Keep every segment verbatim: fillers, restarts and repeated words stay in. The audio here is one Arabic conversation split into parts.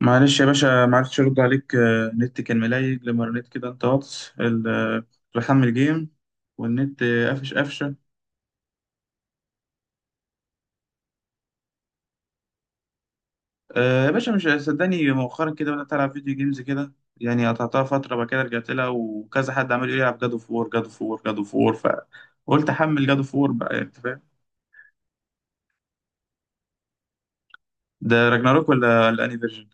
معلش يا باشا ما عرفتش ارد عليك، آه، النت كان ملايج لما رنيت كده انت واتس ال- آه، كنت بحمل جيم والنت، آه، قفش قفشه. آه، يا باشا مش صدقني مؤخرا كده بدات العب فيديو جيمز كده، يعني قطعتها فتره بعد كده رجعت لها وكذا حد عمال يقول لي العب جادو فور جادو فور جادو فور، فقلت احمل جادو فور بقى، يعني انت فاهم. ده راجناروك ولا الاني فيرجن؟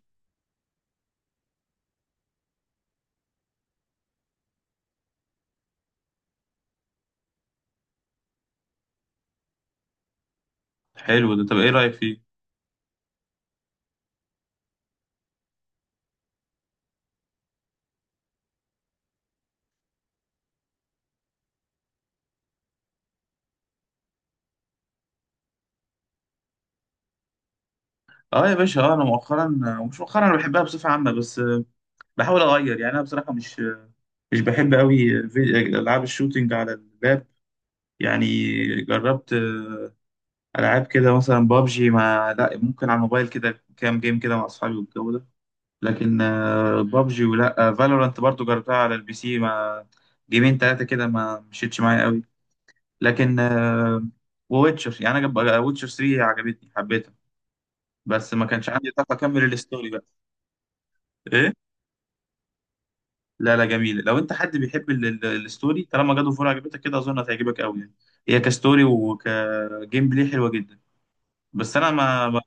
حلو ده، طب ايه رايك فيه؟ اه يا باشا، اه انا مؤخرا، آه، مش مؤخرا، انا بحبها بصفه عامه، بس، آه، بحاول اغير، يعني انا بصراحه مش مش بحب قوي. في- العاب الشوتينج على اللاب، يعني جربت، آه، العاب كده مثلا بابجي، مع لا ممكن على الموبايل كده كام جيم كده مع اصحابي والجو ده، لكن، آه، بابجي ولا فالورانت برضو جربتها على البي سي مع جيمين ثلاثه كده، ما مشيتش معايا قوي. لكن، آه، وويتشر، يعني انا ويتشر تلاته عجبتني، حبيتها، بس ما كانش عندي طاقه اكمل الستوري بقى. إيه؟ لا لا، جميلة. لو انت حد بيحب ال- ال- الستوري، طالما جاد اوف وور عجبتك كده، اظن هتعجبك قوي يعني. هي كستوري وكجيم بلاي حلوة جدا، بس انا ما, ما...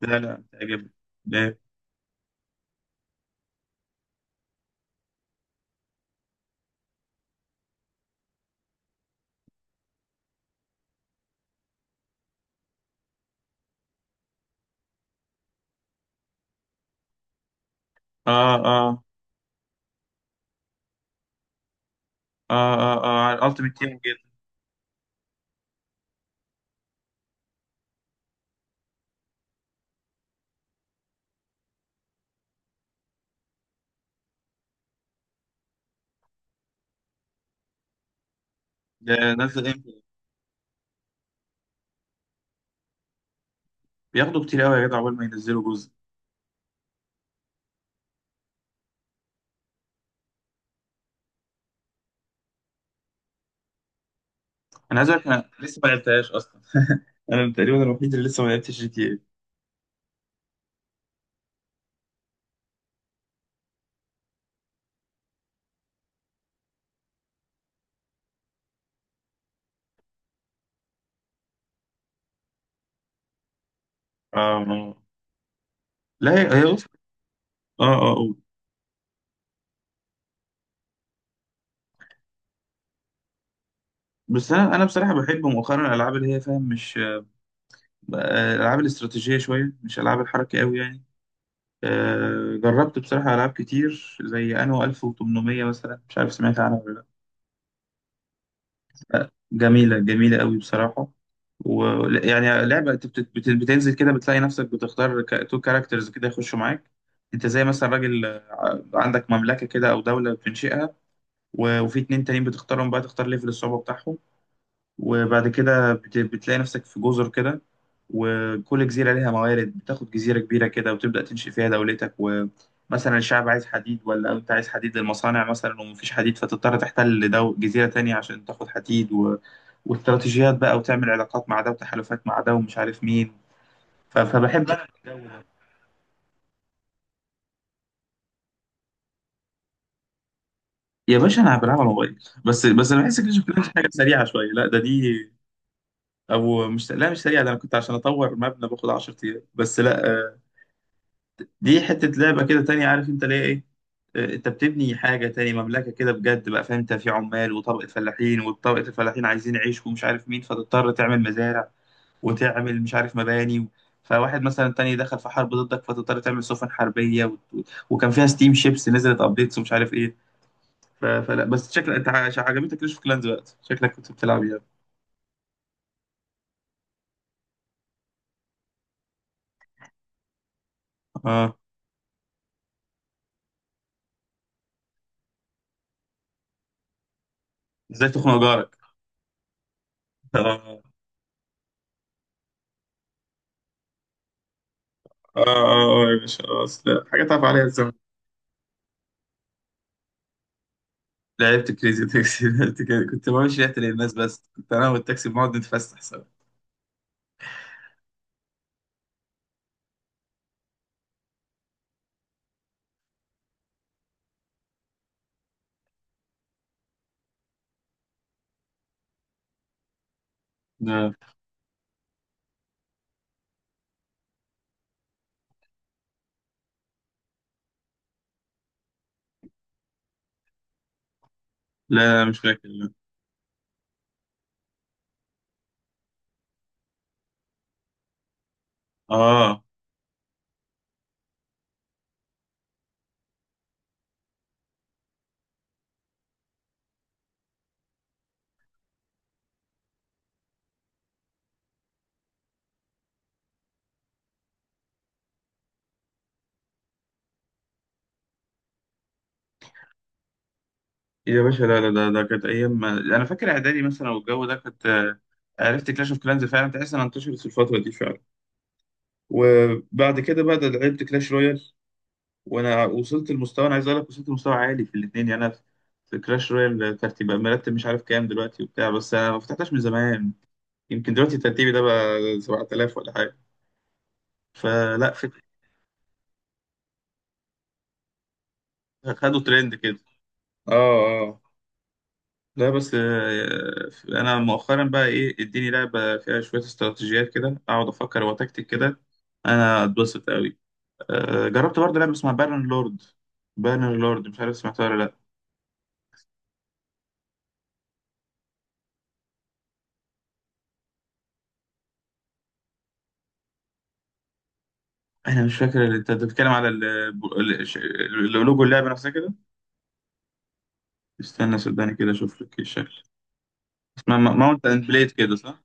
لا لا، تعجبك. لا. اه اه اه اه اه، على الالتيميت تيم جدا. ده نزل امتى؟ بياخدوا كتير قوي يا جدع اول ما ينزلوا جزء. انا عايز اقول لك، انا لسه ما لعبتهاش اصلا. انا تقريبا الوحيد اللي لسه ما لعبتش جي تي اي. اه. آه. لا هي، هي- أصلاً- اه اه. آه. بس انا، انا بصراحة بحب مؤخرا الالعاب اللي هي فاهم، مش، آه، العاب الاستراتيجيه شويه، مش العاب الحركه قوي يعني. آه، جربت بصراحه العاب كتير، زي انو الف وتمنمية مثلا، مش عارف سمعت عنها ولا لا. آه، جميله، جميله قوي بصراحه. ويعني لعبه انت بت- بت- بتنزل كده، بتلاقي نفسك بتختار تو كاركترز كده يخشوا معاك. انت زي مثلا راجل، آه، عندك مملكه كده او دوله بتنشئها، و- وفي اتنين تانيين بتختارهم بقى، تختار ليفل الصعوبه بتاعهم، وبعد كده بت- بتلاقي نفسك في جزر كده، وكل جزيرة ليها موارد. بتاخد جزيرة كبيرة كده وتبدأ تنشئ فيها دولتك، ومثلا الشعب عايز حديد، ولا أنت عايز حديد للمصانع مثلا ومفيش حديد، فتضطر تحتل دو جزيرة تانية عشان تاخد حديد و... واستراتيجيات بقى، وتعمل علاقات مع ده وتحالفات مع ده ومش عارف مين. ف... فبحب أنا الجو. يا باشا أنا بلعب على الموبايل، بس بس أنا بحس كده شكلها مش حاجة سريعة شوية، لا ده دي، أو مش، لا مش سريعة، ده أنا كنت عشان أطور مبنى باخد عشر أيام، بس لا، آه، دي حتة لعبة كده تانية، عارف انت ليه ايه؟ آه، انت بتبني حاجة تاني، مملكة كده بجد بقى، فاهم؟ انت في عمال وطبقة فلاحين، وطبقة الفلاحين عايزين يعيش ومش عارف مين، فتضطر تعمل مزارع، وتعمل مش عارف مباني، فواحد مثلا تاني دخل في حرب ضدك، فتضطر تعمل سفن حربية و... و- وكان فيها ستيم شيبس نزلت ابديتس ومش عارف ايه. ف... فلا، بس شكلك انت ع- عجبتك ليش في كلانز وقت، شكلك كنت بتلعب يعني. اه. ازاي تخنق جارك؟ اه اه اه، آه يا باشا خلاص، لا حاجة تعرف عليها الزمن. لعبت كريزي تاكسي لعبت كده. كنت بمشي ريحة الناس، بس كنت انا والتاكسي بنقعد نتفسح سوا. لا. لا مش فاكر لا. اه يا باشا، لا لا لا، ده كانت ايام ما... انا فاكر اعدادي مثلا والجو ده، كنت، آه، عرفت كلاش اوف كلانز فعلا، تحس انها انتشرت في الفترة دي فعلا. وبعد كده بقى ده لعبت كلاش رويال، وانا وصلت لمستوى، انا عايز اقول لك وصلت لمستوى عالي في الاثنين، يعني انا في، في كلاش رويال ترتيب مرتب مش عارف كام دلوقتي وبتاع، بس انا ما فتحتهاش من زمان. يمكن دلوقتي ترتيبي ده بقى سبعة الاف ولا حاجة. فلا. خدوا ترند كده. اه. اه. لا بس، آه، انا مؤخرا بقى ايه، اديني لعبه فيها شويه استراتيجيات كده، اقعد افكر واتكتك كده، انا اتبسط قوي. آه، جربت برضه لعبه اسمها بارن لورد. بارن لورد، مش عارف سمعتها ولا لا. انا مش فاكر اللي انت بتتكلم على ال- ال- ش- ال- لوجو اللعبه نفسها كده. استنى صدقني كده اشوف لك إيه الشكل. اسمها ماونت اند بليد كده، صح؟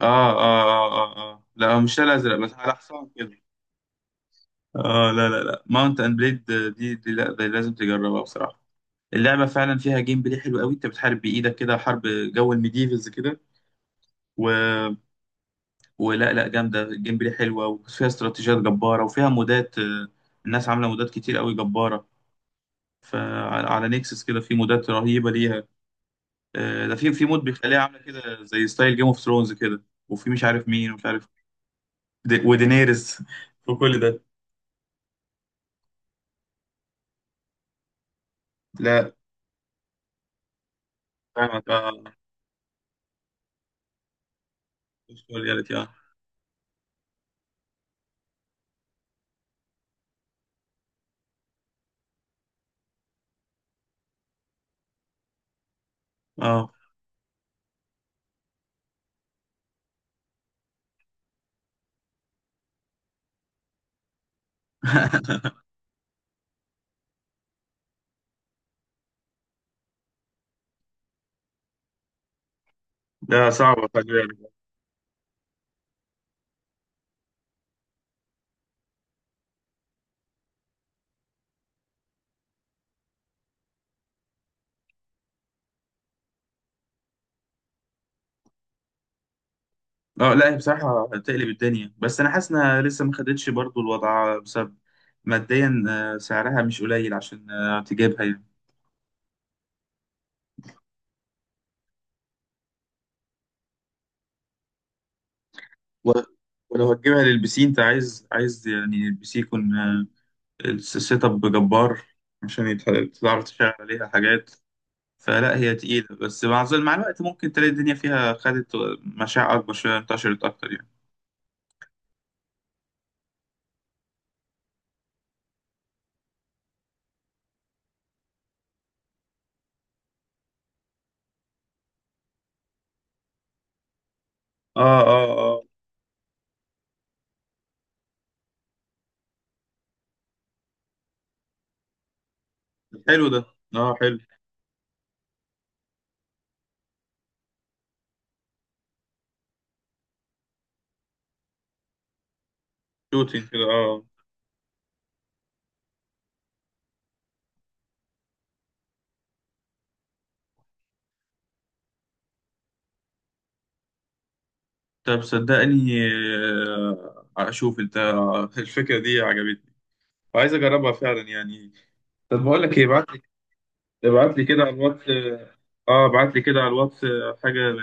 اه اه اه اه, آه. لا هو مش ده، الازرق بس على حصان كده. اه، لا لا لا، ماونت اند بليد. دي, دي لا، دي لازم تجربها بصراحه. اللعبه فعلا فيها جيم بلاي حلو قوي، انت بتحارب بايدك كده حرب، جو الميديفلز كده، و... ولا لا، جامده، الجيم بلاي حلوه وفيها استراتيجيات جباره، وفيها مودات، آه، الناس عامله مودات كتير قوي جباره. فعلى على نيكسس كده في مودات رهيبه ليها. آه، ده في في مود بيخليها عامله كده زي ستايل جيم اوف ثرونز كده، وفي مش عارف مين ومش عارف د- ودينيرز وكل ده. لا فاهمك، اه. مش كل يا ريت، اه. اه لا صعبة، خلي بالك. اه، لا هي بصراحة هتقلب الدنيا، بس أنا حاسس إنها لسه ما خدتش برضو الوضع بسبب ماديا، آه، سعرها مش قليل عشان، آه، تجيبها يعني. و- ولو هتجيبها للبي سي، أنت عايز، عايز يعني البي سي يكون، آه، الس- السيت اب جبار، عشان يت- تعرف تشغل عليها حاجات. فلا هي تقيلة، بس مع ظل- مع الوقت ممكن تلاقي الدنيا فيها خدت مشاع أكبر شوية، انتشرت أكتر يعني. اه اه اه. حلو ده. اه حلو. شوتينج كده، اه. آه. طب صدقني، آه، اشوف انت، الفكره دي عجبتني، عايز اجربها فعلا يعني. طب بقول لك ايه، ابعت لي، ابعت لي كده على الواتس. اه ابعت لي كده على الواتس، آه، حاجه من،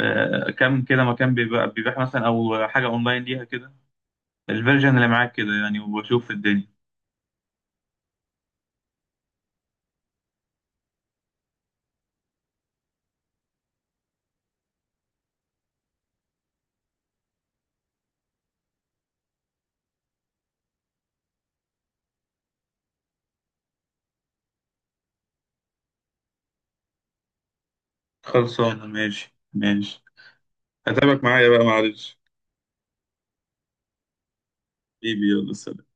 آه، كم كده مكان بيبقى بيبيع مثلا، او حاجه اونلاين ليها كده، الفيرجن اللي معاك كده يعني، واشوف الدنيا. خلصانه، ماشي ماشي. هتابعك معايا بقى معلش. حبيبي يلا سلام.